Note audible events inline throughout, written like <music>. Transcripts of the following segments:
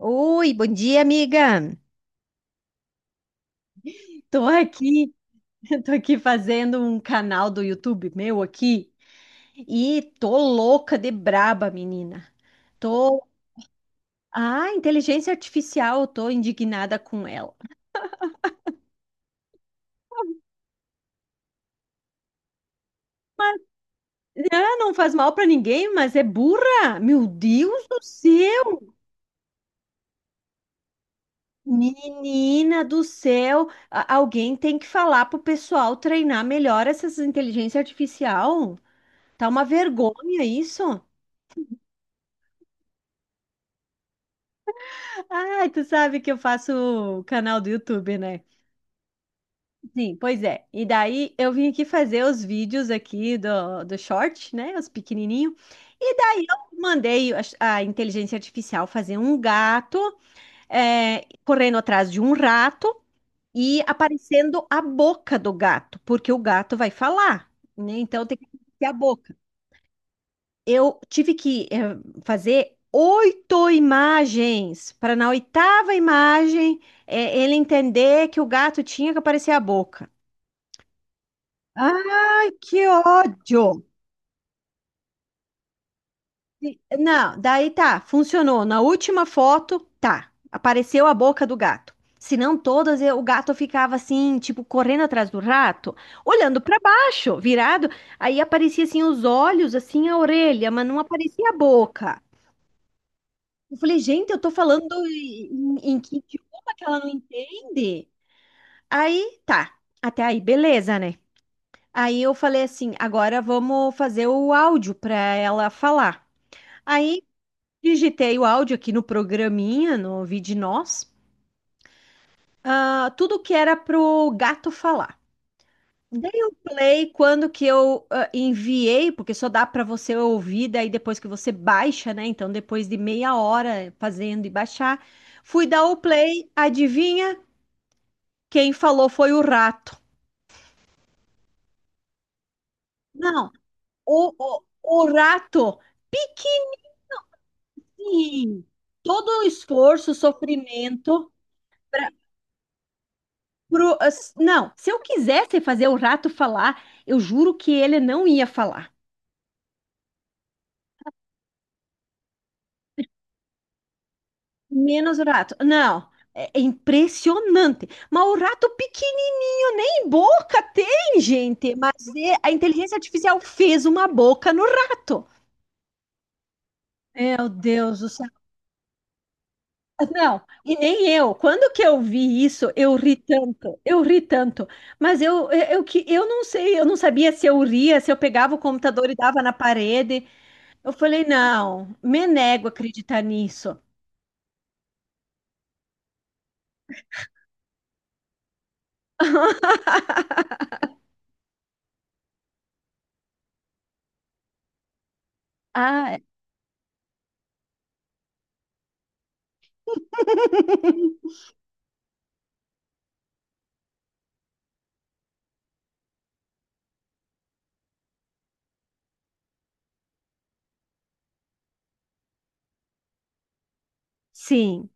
Oi, bom dia, amiga. Tô aqui, <laughs> tô aqui fazendo um canal do YouTube meu aqui e tô louca de braba, menina. Tô, Inteligência artificial, tô indignada com ela. Ah, não faz mal pra ninguém, mas é burra. Meu Deus do céu, menina do céu. Alguém tem que falar pro pessoal treinar melhor essas inteligência artificial. Tá uma vergonha isso. Ai, tu sabe que eu faço canal do YouTube, né? Sim, pois é. E daí eu vim aqui fazer os vídeos aqui do short, né? Os pequenininhos. E daí eu mandei a inteligência artificial fazer um gato correndo atrás de um rato e aparecendo a boca do gato, porque o gato vai falar, né? Então tem que ter a boca. Eu tive que fazer oito imagens para na oitava imagem ele entender que o gato tinha que aparecer a boca. Ai, que ódio! Não, daí tá, funcionou. Na última foto, tá, apareceu a boca do gato. Se não todas, o gato ficava assim, tipo, correndo atrás do rato, olhando para baixo, virado. Aí aparecia assim os olhos, assim a orelha, mas não aparecia a boca. Eu falei, gente, eu tô falando em que idioma que ela não entende? Aí, tá. Até aí, beleza, né? Aí eu falei assim, agora vamos fazer o áudio para ela falar. Aí digitei o áudio aqui no programinha, no Vide Nós, ah, tudo que era pro gato falar. Dei o play quando que eu enviei, porque só dá para você ouvir, daí depois que você baixa, né? Então, depois de meia hora fazendo e baixar, fui dar o play, adivinha? Quem falou foi o rato. Não, o rato pequenininho. Todo o esforço, sofrimento. Não, se eu quisesse fazer o rato falar, eu juro que ele não ia falar. Menos o rato. Não, é impressionante. Mas o rato pequenininho nem boca tem, gente. Mas é, a inteligência artificial fez uma boca no rato. Meu Deus do céu. Não, e nem eu. Quando que eu vi isso, eu ri tanto, eu ri tanto. Mas eu que eu não sei, eu não sabia se eu ria, se eu pegava o computador e dava na parede. Eu falei, não, me nego a acreditar nisso. Ah, é. Sim.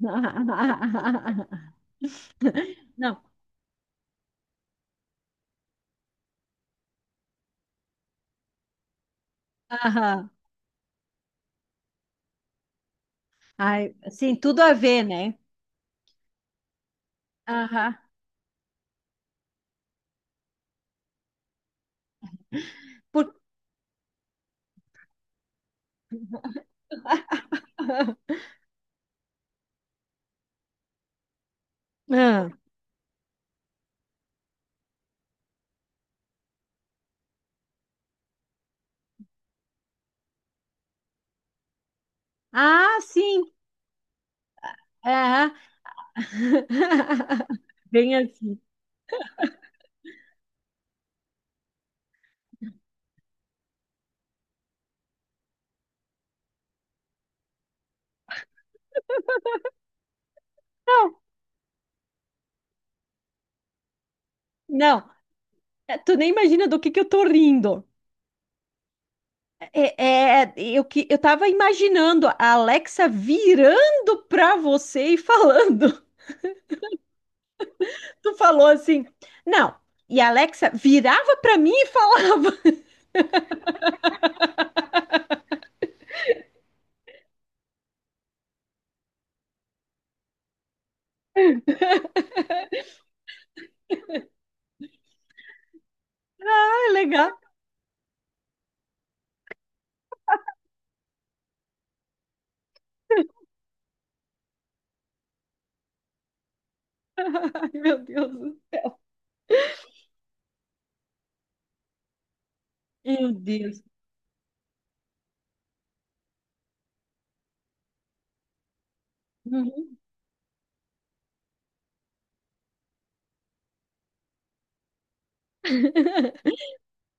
<laughs> Não. Aham. Ai, sim, tudo a ver, né? Aham. Por... <laughs> Ah, Ah, sim. Aham. <laughs> Bem assim. Não, não, é, tu nem imagina do que eu tô rindo. Eu que eu tava imaginando a Alexa virando pra você e falando. <laughs> Tu falou assim, não. E a Alexa virava pra mim e falava. <laughs> Ai, legal. <laughs> Ai, meu Deus do céu. Meu Deus. Uhum.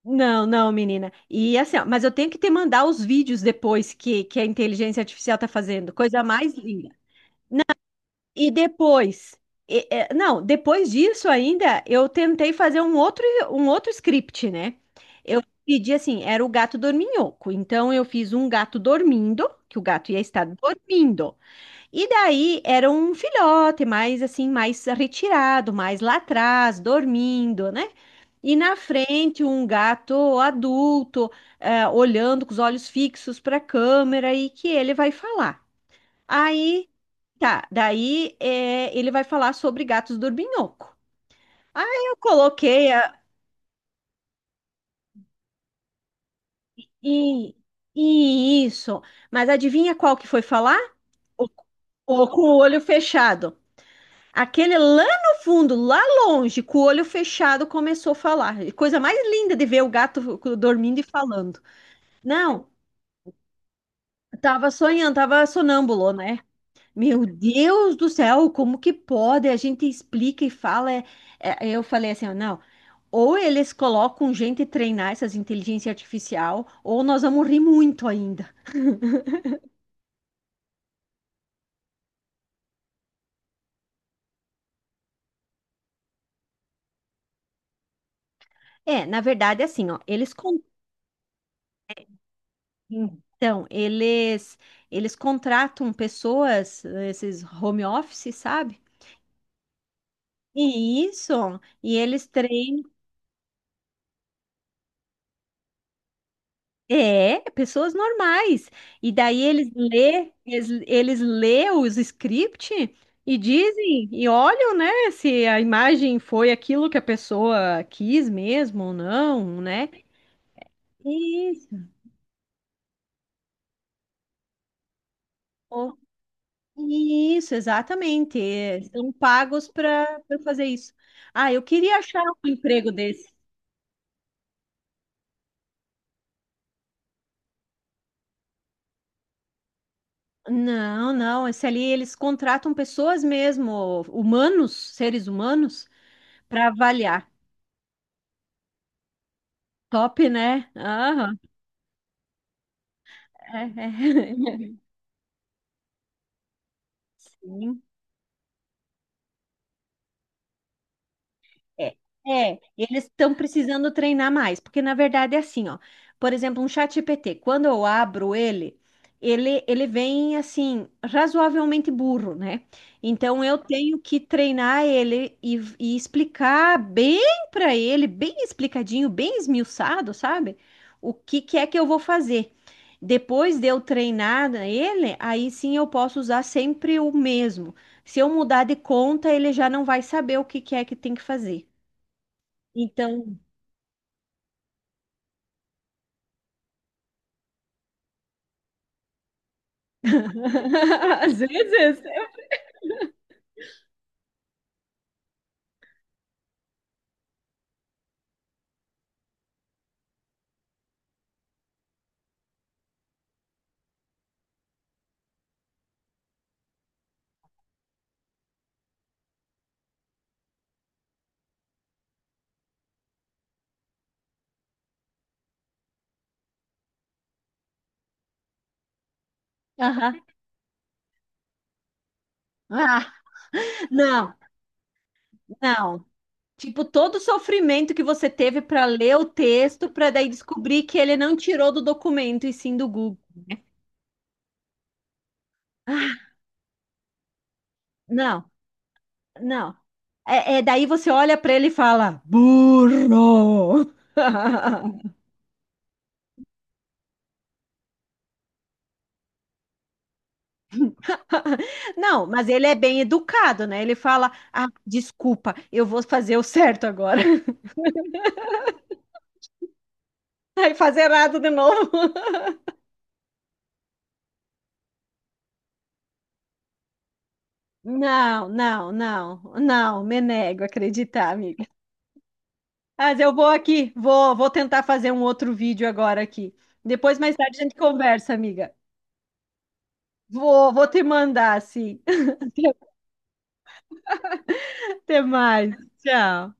Não, não, menina. E assim, ó, mas eu tenho que te mandar os vídeos depois que a inteligência artificial tá fazendo. Coisa mais linda. E depois, não, depois disso ainda, eu tentei fazer um outro script, né? Eu pedi assim, era o gato dorminhoco. Então eu fiz um gato dormindo, que o gato ia estar dormindo. E daí era um filhote, mais assim, mais retirado, mais lá atrás, dormindo, né? E na frente um gato adulto, olhando com os olhos fixos para a câmera e que ele vai falar. Aí tá, ele vai falar sobre gatos dorminhoco. Aí eu coloquei a, e, isso, mas adivinha qual que foi falar? O, o com o olho fechado. Aquele lá no fundo, lá longe, com o olho fechado, começou a falar. E coisa mais linda de ver o gato dormindo e falando. Não, tava sonhando, tava sonâmbulo, né? Meu Deus do céu, como que pode? A gente explica e fala. Eu falei assim, ó, não. Ou eles colocam gente treinar essas inteligência artificial, ou nós vamos rir muito ainda. É, na verdade, é assim, ó, eles eles contratam pessoas, esses home office, sabe? E isso, e eles treinam é, pessoas normais. E daí eles lê os script e dizem, e olham, né, se a imagem foi aquilo que a pessoa quis mesmo ou não, né? Isso. O- Isso, exatamente. É, são pagos para fazer isso. Ah, eu queria achar um emprego desse. Não, não, esse ali eles contratam pessoas mesmo, humanos, seres humanos, para avaliar. Top, né? Aham. É, é. <laughs> Sim. É, Eles estão precisando treinar mais, porque na verdade é assim, ó. Por exemplo, um chat GPT, quando eu abro ele, ele vem assim, razoavelmente burro, né? Então eu tenho que treinar ele e explicar bem para ele, bem explicadinho, bem esmiuçado, sabe? O que que é que eu vou fazer. Depois de eu treinar ele, aí sim eu posso usar sempre o mesmo. Se eu mudar de conta, ele já não vai saber o que que é que tem que fazer. Então, <laughs> às vezes. Aham. Ah, não, não. Tipo, todo o sofrimento que você teve para ler o texto, para daí descobrir que ele não tirou do documento e sim do Google. Ah, não, não. Daí você olha para ele e fala, burro! <laughs> Não, mas ele é bem educado, né? Ele fala, ah, desculpa, eu vou fazer o certo agora. <laughs> Aí fazer errado de novo. Não, não, não, não, me nego a acreditar, amiga. Mas eu vou aqui, vou tentar fazer um outro vídeo agora aqui. Depois, mais tarde, a gente conversa, amiga. Vou, vou te mandar, sim. <laughs> Até mais. Tchau.